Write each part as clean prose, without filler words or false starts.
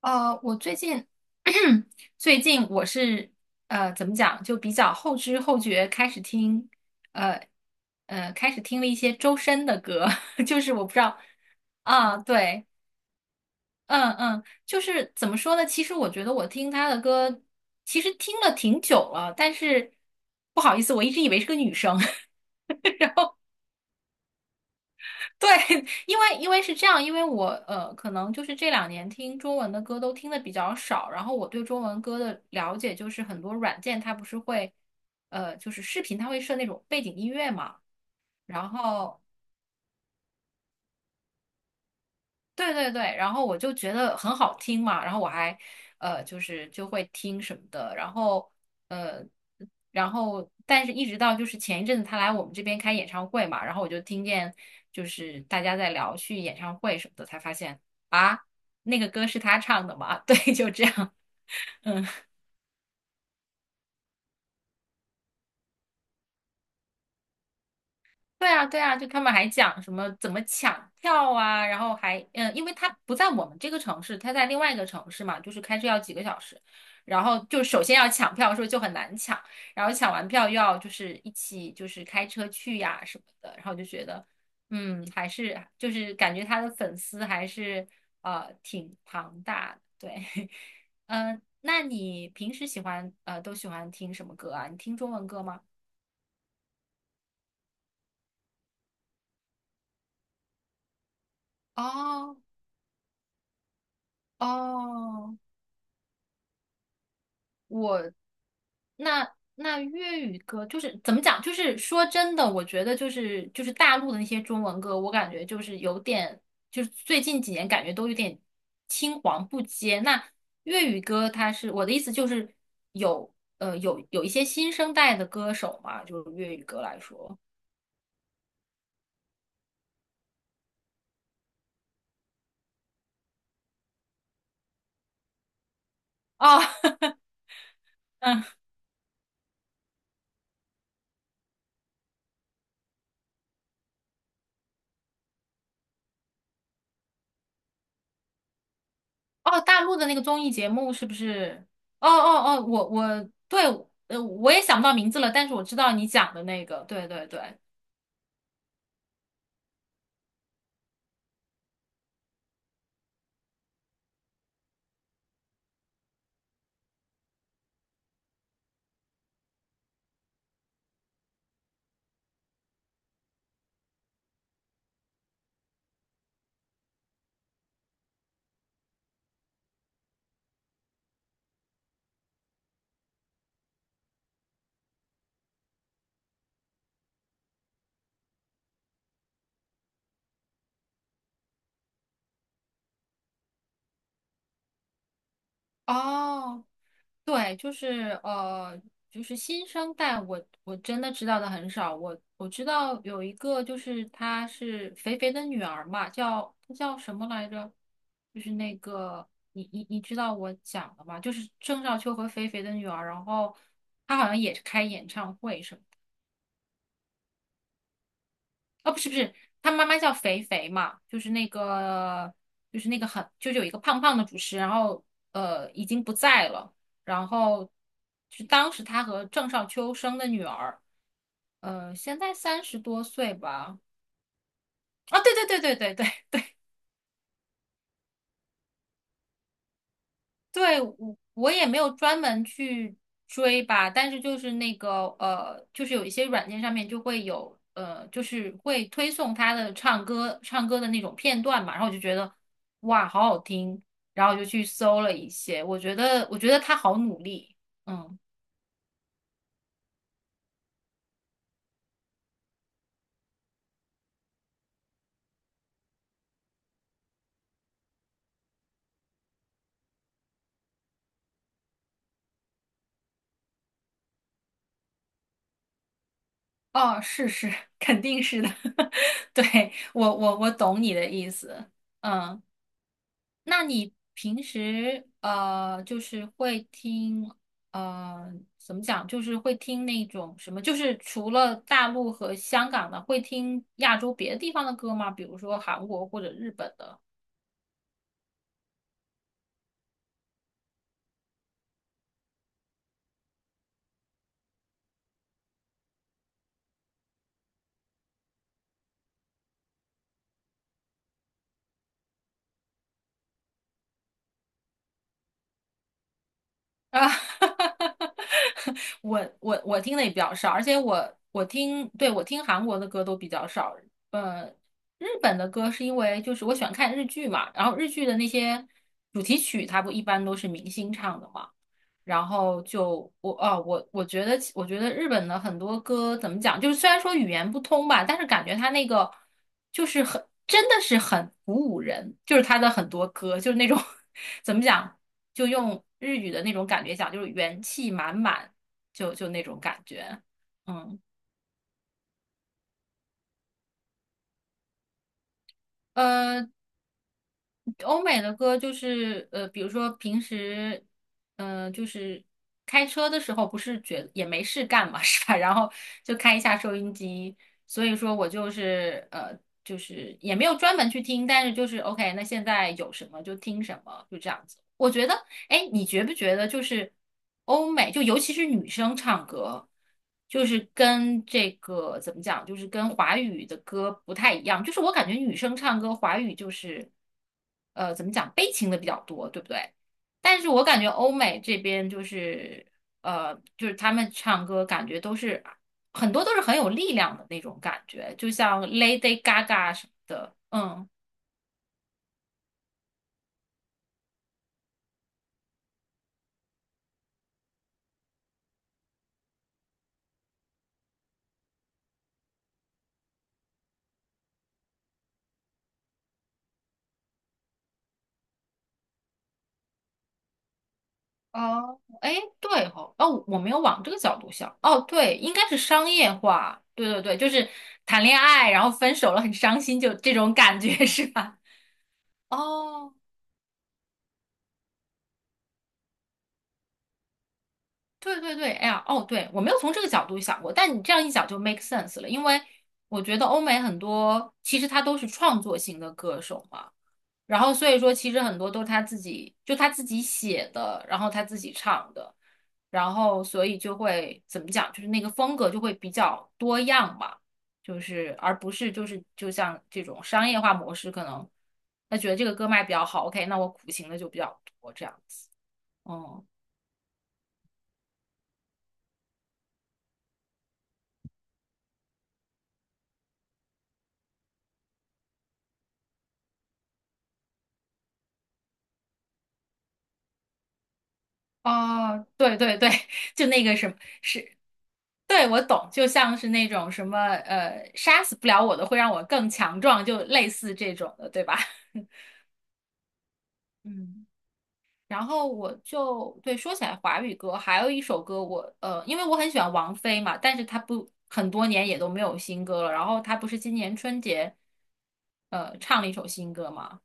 我最近 最近我是怎么讲，就比较后知后觉开始听呃开始听了一些周深的歌，就是我不知道啊，对，嗯嗯，就是怎么说呢？其实我觉得我听他的歌，其实听了挺久了，但是不好意思，我一直以为是个女生，对，因为是这样，因为我可能就是这2年听中文的歌都听的比较少，然后我对中文歌的了解就是很多软件它不是会，就是视频它会设那种背景音乐嘛，然后对对对，然后我就觉得很好听嘛，然后我还就是就会听什么的，然后呃然后但是一直到就是前一阵子他来我们这边开演唱会嘛，然后我就听见就是大家在聊去演唱会什么的，才发现啊那个歌是他唱的嘛，对，就这样。对啊，对啊，就他们还讲什么怎么抢票啊，然后还因为他不在我们这个城市，他在另外一个城市嘛，就是开车要几个小时，然后就首先要抢票的时候就很难抢，然后抢完票又要就是一起就是开车去呀什么的，然后就觉得还是就是感觉他的粉丝还是挺庞大的，对，嗯，那你平时都喜欢听什么歌啊？你听中文歌吗？哦哦我那那粤语歌就是怎么讲？就是说真的，我觉得就是大陆的那些中文歌，我感觉就是有点，就是最近几年感觉都有点青黄不接。那粤语歌，它是我的意思就是有一些新生代的歌手嘛，就是粤语歌来说，哦，嗯，哦，大陆的那个综艺节目是不是？哦哦哦，我对，我也想不到名字了，但是我知道你讲的那个，对对对。哦，对，就是就是新生代我，我真的知道的很少。我知道有一个，就是她是肥肥的女儿嘛，叫她叫什么来着？就是那个你知道我讲的吗？就是郑少秋和肥肥的女儿，然后她好像也是开演唱会什么的。啊，不是不是，他妈妈叫肥肥嘛，就是那个，就是那个很，就是有一个胖胖的主持，然后已经不在了，然后是当时他和郑少秋生的女儿，现在30多岁吧。啊，对对对对对对，对，我也没有专门去追吧，但是就是那个就是有一些软件上面就会有就是会推送他的唱歌唱歌的那种片段嘛，然后我就觉得哇，好好听，然后我就去搜了一些，我觉得他好努力，嗯，哦，是是，肯定是的，对，我懂你的意思，嗯。那你平时就是会听呃，怎么讲，就是会听那种什么，就是除了大陆和香港的，会听亚洲别的地方的歌吗？比如说韩国或者日本的啊。我听的也比较少，而且我听，对，我听韩国的歌都比较少。呃，日本的歌是因为就是我喜欢看日剧嘛，然后日剧的那些主题曲，它不一般都是明星唱的嘛。然后就我啊，我觉得日本的很多歌怎么讲，就是虽然说语言不通吧，但是感觉他那个就是很真的是很鼓舞人，就是他的很多歌就是那种 怎么讲，就用日语的那种感觉讲，就是元气满满，就就那种感觉，嗯。呃，欧美的歌就是比如说平时，就是开车的时候，不是觉也没事干嘛，是吧？然后就开一下收音机，所以说我就是就是也没有专门去听，但是就是 OK，那现在有什么就听什么，就这样子。我觉得哎，你觉不觉得就是欧美，就尤其是女生唱歌，就是跟这个怎么讲，就是跟华语的歌不太一样。就是我感觉女生唱歌，华语就是怎么讲，悲情的比较多，对不对？但是我感觉欧美这边就是就是他们唱歌感觉都是很多都是很有力量的那种感觉，就像 Lady Gaga 什么的，嗯。哦，哎，对哦，哦，我没有往这个角度想。哦，对，应该是商业化。对对对，就是谈恋爱，然后分手了，很伤心，就这种感觉 是吧？哦，对对对，哎呀，哦，对，我没有从这个角度想过，但你这样一讲就 make sense 了，因为我觉得欧美很多其实他都是创作型的歌手嘛。然后所以说，其实很多都是他自己，就他自己写的，然后他自己唱的，然后所以就会怎么讲，就是那个风格就会比较多样嘛，就是而不是就是就像这种商业化模式，可能他觉得这个歌卖比较好，OK，那我苦情的就比较多这样子，嗯，哦，对对对，就那个什么是。对，我懂，就像是那种什么，杀死不了我的，会让我更强壮，就类似这种的，对吧？嗯，然后我就对说起来华语歌，还有一首歌我因为我很喜欢王菲嘛，但是她不很多年也都没有新歌了。然后她不是今年春节唱了一首新歌嘛，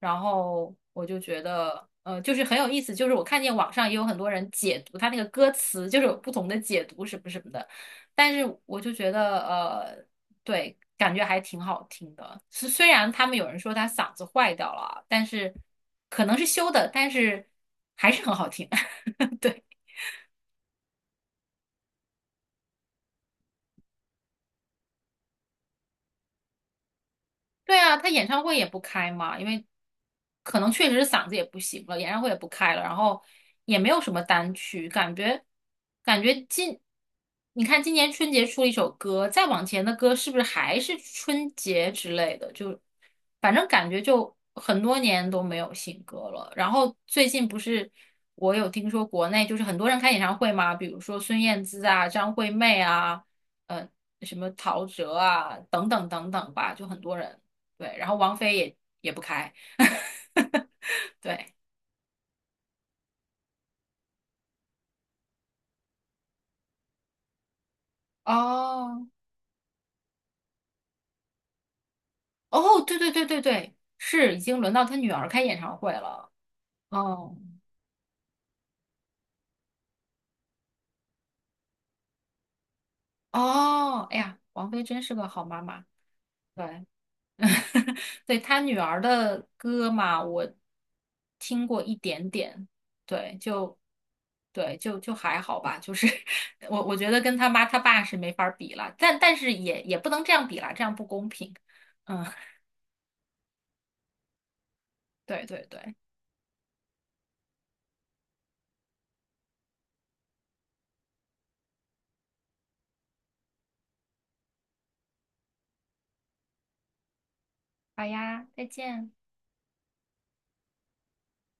然后我就觉得就是很有意思，就是我看见网上也有很多人解读她那个歌词，就是有不同的解读什么什么的，但是我就觉得对，感觉还挺好听的。虽然他们有人说他嗓子坏掉了，但是可能是修的，但是还是很好听。对啊，他演唱会也不开嘛，因为可能确实是嗓子也不行了，演唱会也不开了，然后也没有什么单曲，感觉感觉今，你看今年春节出了一首歌，再往前的歌是不是还是春节之类的？就反正感觉就很多年都没有新歌了。然后最近不是我有听说国内就是很多人开演唱会嘛，比如说孙燕姿啊、张惠妹啊，呃。什么陶喆啊，等等等等吧，就很多人。对，然后王菲也不开，对，哦哦，对对对对对，是已经轮到她女儿开演唱会了，哦哦，哎呀，王菲真是个好妈妈，对，对她女儿的歌嘛，我听过一点点，对，就对，就还好吧，就是 我觉得跟他妈他爸是没法儿比了，但是也不能这样比啦，这样不公平，嗯，对对对，好呀，再见。